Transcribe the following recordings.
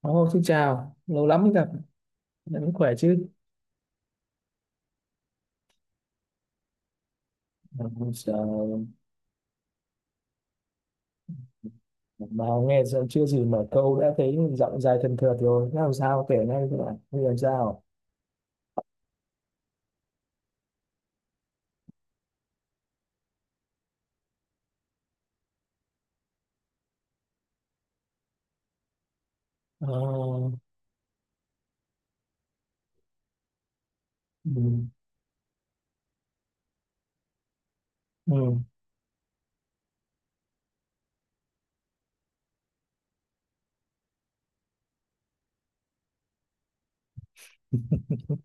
Ồ, xin chào, lâu lắm mới gặp, em vẫn khỏe chứ? Ừ, giờ mà nghe giờ chưa gì mở câu đã thấy giọng dài thần thượt rồi, thế làm sao kể ngay các bạn, bây giờ làm sao? Ờ, ừ, ừ.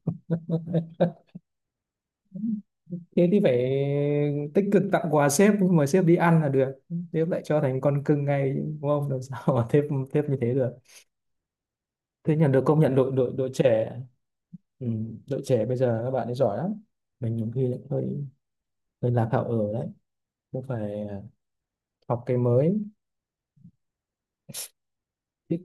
Thế thì phải tích cực tặng quà sếp, mời mà sếp đi ăn là được, sếp lại cho thành con cưng ngay, đúng không? Làm sao mà sếp như thế được? Thế nhận được công nhận đội đội đội trẻ, ừ, đội trẻ bây giờ các bạn ấy giỏi lắm. Mình nhiều khi lại hơi hơi lạc hậu ở đấy, cũng phải học cái mới. Thích,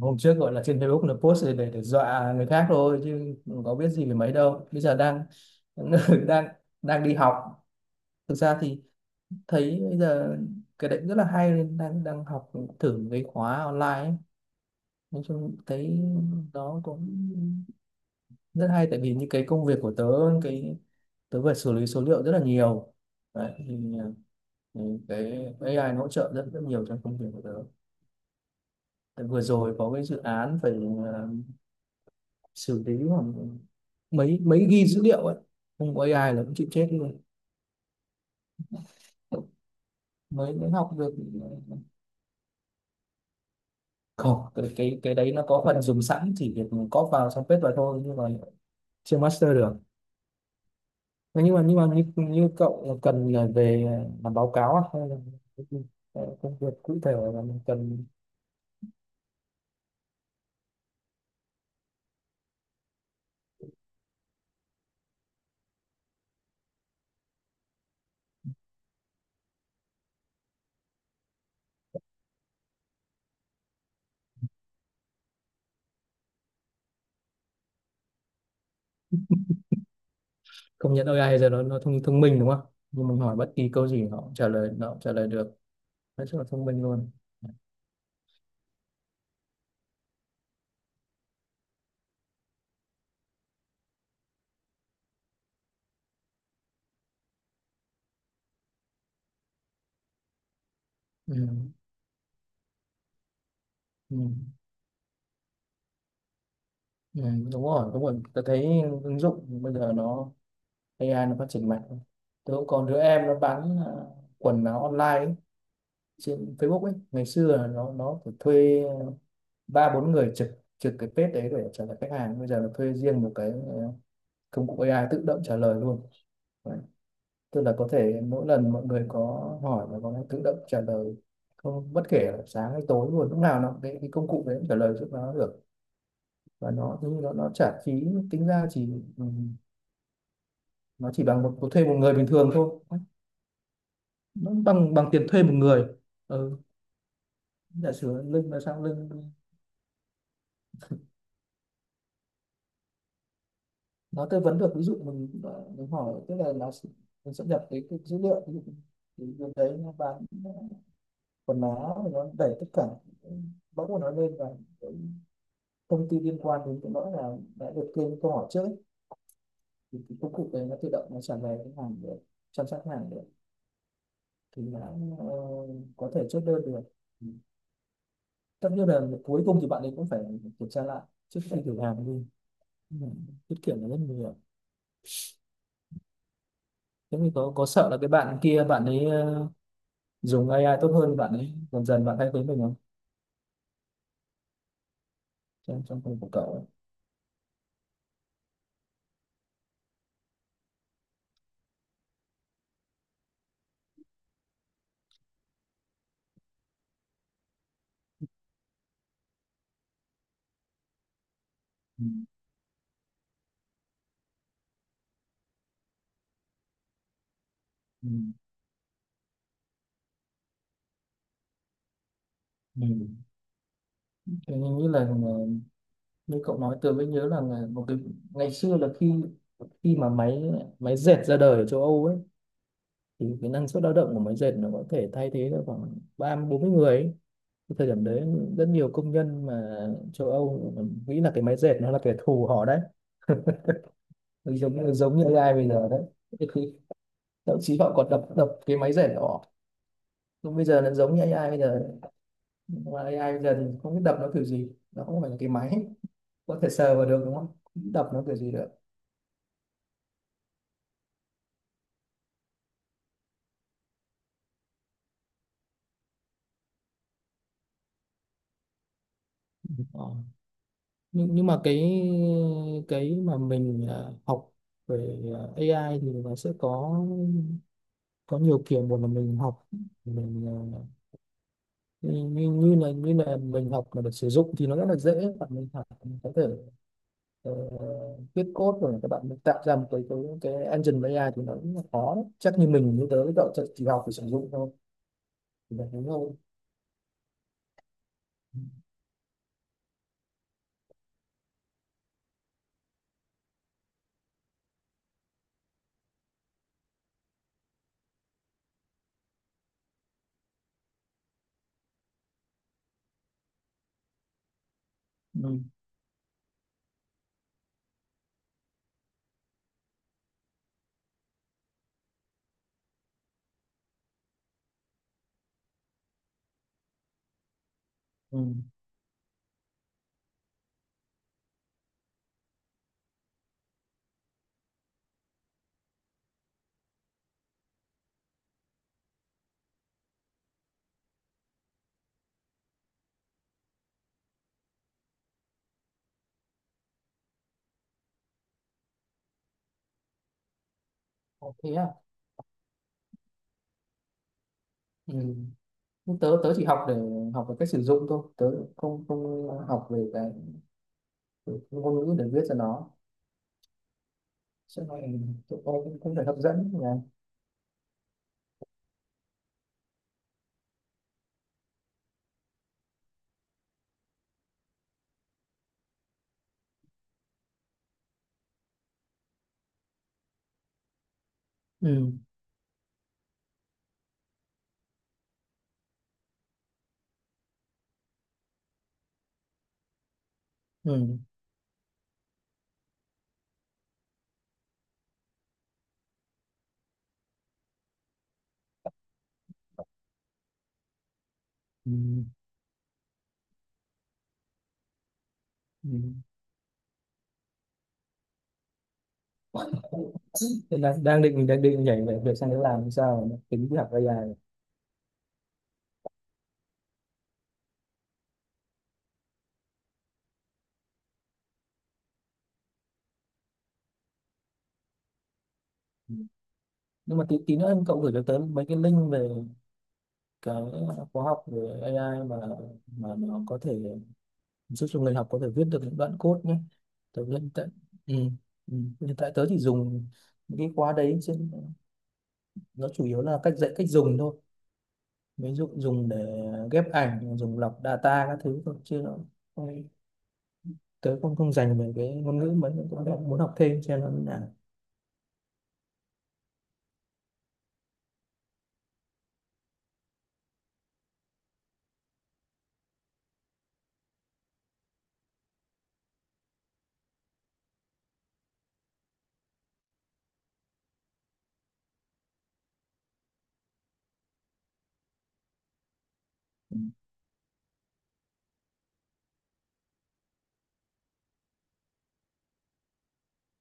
hôm trước gọi là trên Facebook là post để dọa người khác thôi chứ không có biết gì về mấy đâu, bây giờ đang đang đang đi học. Thực ra thì thấy bây giờ cái đấy cũng rất là hay nên đang đang học thử cái khóa online ấy. Nói chung thấy nó cũng rất hay tại vì những cái công việc của tớ, cái tớ phải xử lý số liệu rất là nhiều. Đấy, thì ừ, cái AI nó hỗ trợ rất rất nhiều trong công việc của tớ. Tại vừa rồi có cái dự án phải à, xử lý khoảng mấy mấy ghi dữ liệu ấy, không có AI là cũng chịu chết luôn. Mới mới học được, không cái đấy nó có phần dùng sẵn chỉ việc có vào xong paste vào thôi nhưng mà chưa master được. Thế nhưng mà như cậu cần là về làm báo cáo à? Hay là cái gì? Ờ, công việc cụ thể là mình cần. Công nhận AI giờ nó thông thông minh đúng không, nhưng mình hỏi bất kỳ câu gì nó cũng trả lời được, nói chung là thông minh luôn. Ừ. Ừ. Ừ, đúng rồi, đúng rồi, tôi thấy ứng dụng bây giờ nó AI nó phát triển mạnh. Tôi cũng còn đứa em nó bán quần áo online ấy, trên Facebook ấy, ngày xưa là nó phải thuê ba bốn người trực trực cái page đấy để trả lời khách hàng, bây giờ là thuê riêng một cái công cụ AI tự động trả lời luôn. Đấy. Tức là có thể mỗi lần mọi người có hỏi là nó tự động trả lời, không bất kể là sáng hay tối, luôn lúc nào nó cái công cụ đấy cũng trả lời giúp nó được, và nó trả phí tính ra chỉ ừ, nó chỉ bằng một thuê một người bình thường thôi, nó bằng bằng tiền thuê một người, ừ, giả sử lưng là sao lưng, nó tư vấn được ví dụ mình mình hỏi tức là nó sẽ- mình sẽ nhập cái dữ liệu ví dụ, thì bên đấy nó bán quần áo, nó đẩy tất cả bóc của nó lên, và cái thông tin liên quan đến cái đó là đã được kênh câu hỏi trước ấy. Thì cái công cụ đấy nó tự động nó trả lời, cái hàng được chăm sóc, hàng được, thì nó ờ, có thể chốt đơn được, tất nhiên là cuối cùng thì bạn ấy cũng phải kiểm tra lại trước khi thử hàng đi. Nhưng tiết kiệm là rất nhiều. Thế mình có sợ là cái bạn kia bạn ấy dùng AI tốt hơn bạn ấy, dần dần bạn thay thế mình không, trong trong công việc của cậu ấy. Ừ. Ừ. Ừ. Thế nhưng nghĩ là như cậu nói tôi mới nhớ là một cái ngày xưa là khi khi mà máy máy dệt ra đời ở châu Âu ấy, thì cái năng suất lao động của máy dệt nó có thể thay thế được khoảng 30-40 người ấy. Cái thời điểm đấy rất nhiều công nhân mà châu Âu nghĩ là cái máy dệt nó là kẻ thù họ đấy, giống như AI bây giờ đấy. Thế thì thậm chí họ còn đập đập cái máy dệt của họ. Còn bây giờ là giống như AI bây giờ, mà AI bây giờ thì không biết đập nó kiểu gì, nó không phải là cái máy có thể sờ vào được đúng không, đập nó kiểu gì được. Ờ. Nhưng mà cái mà mình học về AI thì nó sẽ có nhiều kiểu, một là mình học mình như, như như là mình học mà được sử dụng thì nó rất là dễ, bạn mình học mình có thể ờ, viết code rồi các bạn mình tạo ra một cái engine AI thì nó cũng là khó đấy. Chắc như mình như tớ cậu chỉ học để sử dụng thôi, thì là thế thôi. Ừ. Ừ. Ok á. Ừ. Nhưng tớ tớ chỉ học để học về cách sử dụng thôi, tớ không không học về cái ngôn ngữ để viết cho nó, cho nên tụi tôi cũng phải hấp dẫn nhỉ. Ừ. Ừ. Ừ. Ừ. Hiện đang định nhảy về việc sang đấy làm sao mà tính đi học AI này. Ừ. Nhưng mà tí tí nữa em cậu gửi cho tớ mấy cái link về cái khóa học về AI mà nó có thể giúp cho người học có thể viết được những đoạn code nhé. Tớ hiện tại ừ. Ừ. Hiện tại tớ chỉ dùng những cái khóa đấy chứ nó chủ yếu là cách dạy cách dùng thôi, ví dụ dùng để ghép ảnh, dùng lọc data các thứ thôi chứ nó không- tớ không không dành về cái ngôn ngữ mấy, cũng đang muốn học thêm cho nên là ừ.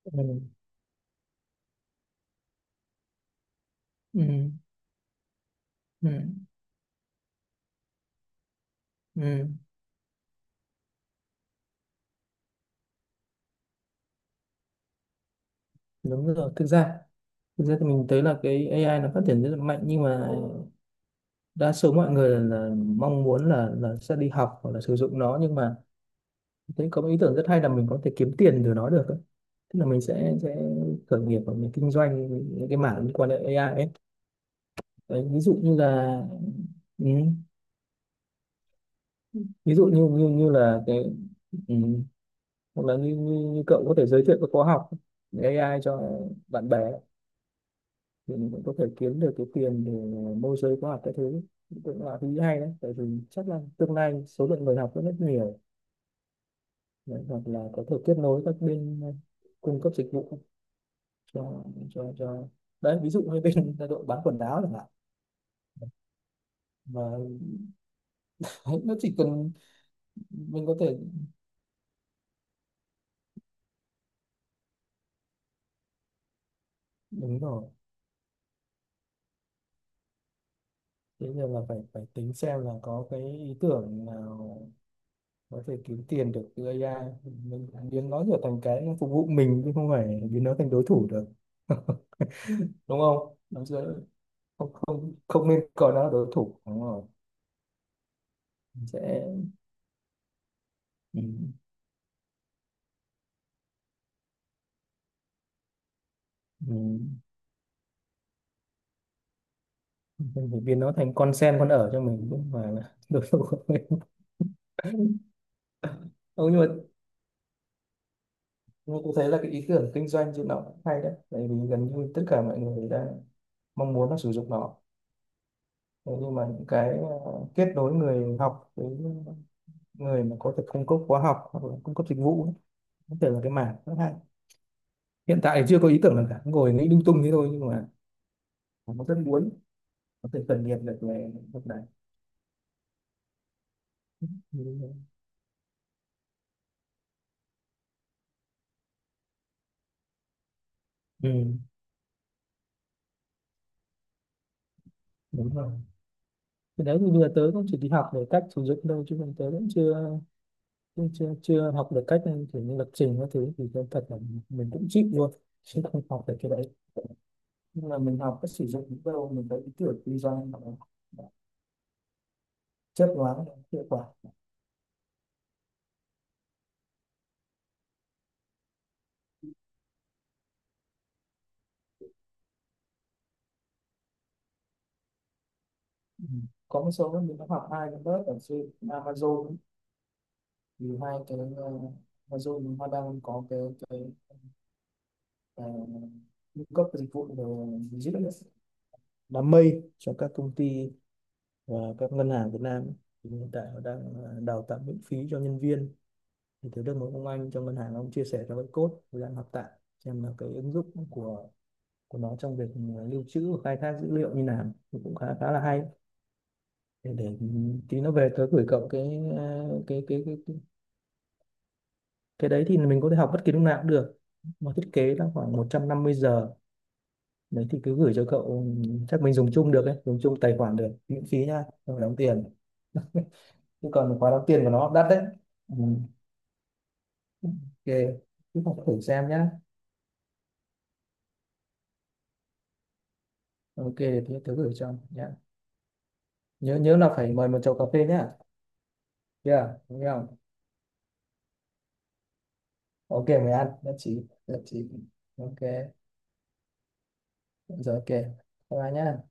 Ừ. Ừ. Ừ. Ừ, đúng rồi. Thực ra thì mình thấy là cái AI nó phát triển rất là mạnh nhưng mà đa số mọi người là mong muốn là sẽ đi học hoặc là sử dụng nó nhưng mà thấy có một ý tưởng rất hay là mình có thể kiếm tiền từ nó được. Ấy. Tức là mình sẽ khởi nghiệp và mình kinh doanh những cái mảng liên quan đến AI ấy. Đấy, ví dụ như là ừ, ví dụ như như như là cái ừ, hoặc là như cậu có thể giới thiệu các khóa học AI cho bạn bè thì mình cũng có thể kiếm được cái tiền để môi giới khóa học các thứ, cũng là thứ hay đấy tại vì chắc là tương lai số lượng người học rất rất nhiều. Đấy, hoặc là có thể kết nối các bên cung cấp dịch vụ cho cho đấy ví dụ như bên đội bán quần áo chẳng hạn mà nó chỉ cần mình có thể, đúng rồi. Thế nhưng là phải phải tính xem là có cái ý tưởng nào có thể kiếm tiền được từ AI, mình biến nó trở thành cái phục vụ mình chứ không phải biến nó thành đối thủ được. Đúng không, nắm giữ, không không không nên coi nó là đối thủ, đúng rồi. Sẽ mình, mình, mình phải biến nó thành con sen con ở cho mình chứ không phải là đối thủ của mình. Ừ, nhưng mà tôi thấy là cái ý tưởng kinh doanh trên nó cũng hay đấy tại vì gần như tất cả mọi người đang mong muốn là sử dụng nó. Thế nhưng mà những cái kết nối người học với người mà có thể cung cấp khóa học hoặc là cung cấp dịch vụ ấy, có thể là cái mảng rất hay. Hiện tại thì chưa có ý tưởng nào cả, ngồi nghĩ lung tung thế thôi nhưng mà nó rất muốn có thể khởi nghiệp được về lúc này. Ừ, ừ, đúng rồi, thì đấy thì vừa tới cũng chỉ đi học về cách sử dụng đâu chứ còn tới cũng chưa chưa học được cách kiểu như lập trình các thứ thì tôi thật là mình cũng chịu luôn chứ không học được cái đấy, nhưng mà mình học cách sử dụng những đâu mình thấy ý tưởng kinh doanh hoặc là chất đoán hiệu quả. Ừ. Có một số mình đã học hai cái lớp ở trên Amazon ấy. Thì hai cái Amazon họ đang có cái uh, cung cấp dịch vụ về dữ liệu đám mây cho các công ty và các ngân hàng Việt Nam, thì hiện tại họ đang đào tạo miễn phí cho nhân viên, thì thấy được một ông anh trong ngân hàng ông chia sẻ cho cái code tôi đang học tại xem là cái ứng dụng của nó trong việc lưu trữ và khai thác dữ liệu như nào thì cũng khá khá là hay để tí nó về tới gửi cậu cái, à, cái cái đấy thì mình có thể học bất kỳ lúc nào cũng được mà thiết kế là khoảng 150 giờ. Đấy thì cứ gửi cho cậu chắc mình dùng chung được ấy, dùng chung tài khoản được miễn phí nha không phải đóng tiền chứ còn khóa đóng tiền của nó đắt đấy. Ừ. Ok cứ học thử xem nhá. Ok thế thử gửi cho nhá, nhớ nhớ là phải mời một chầu cà phê nhá, yeah, đúng không. Ok mời ăn, nhất trí nhất trí. Ok rồi ok bye bye nhá.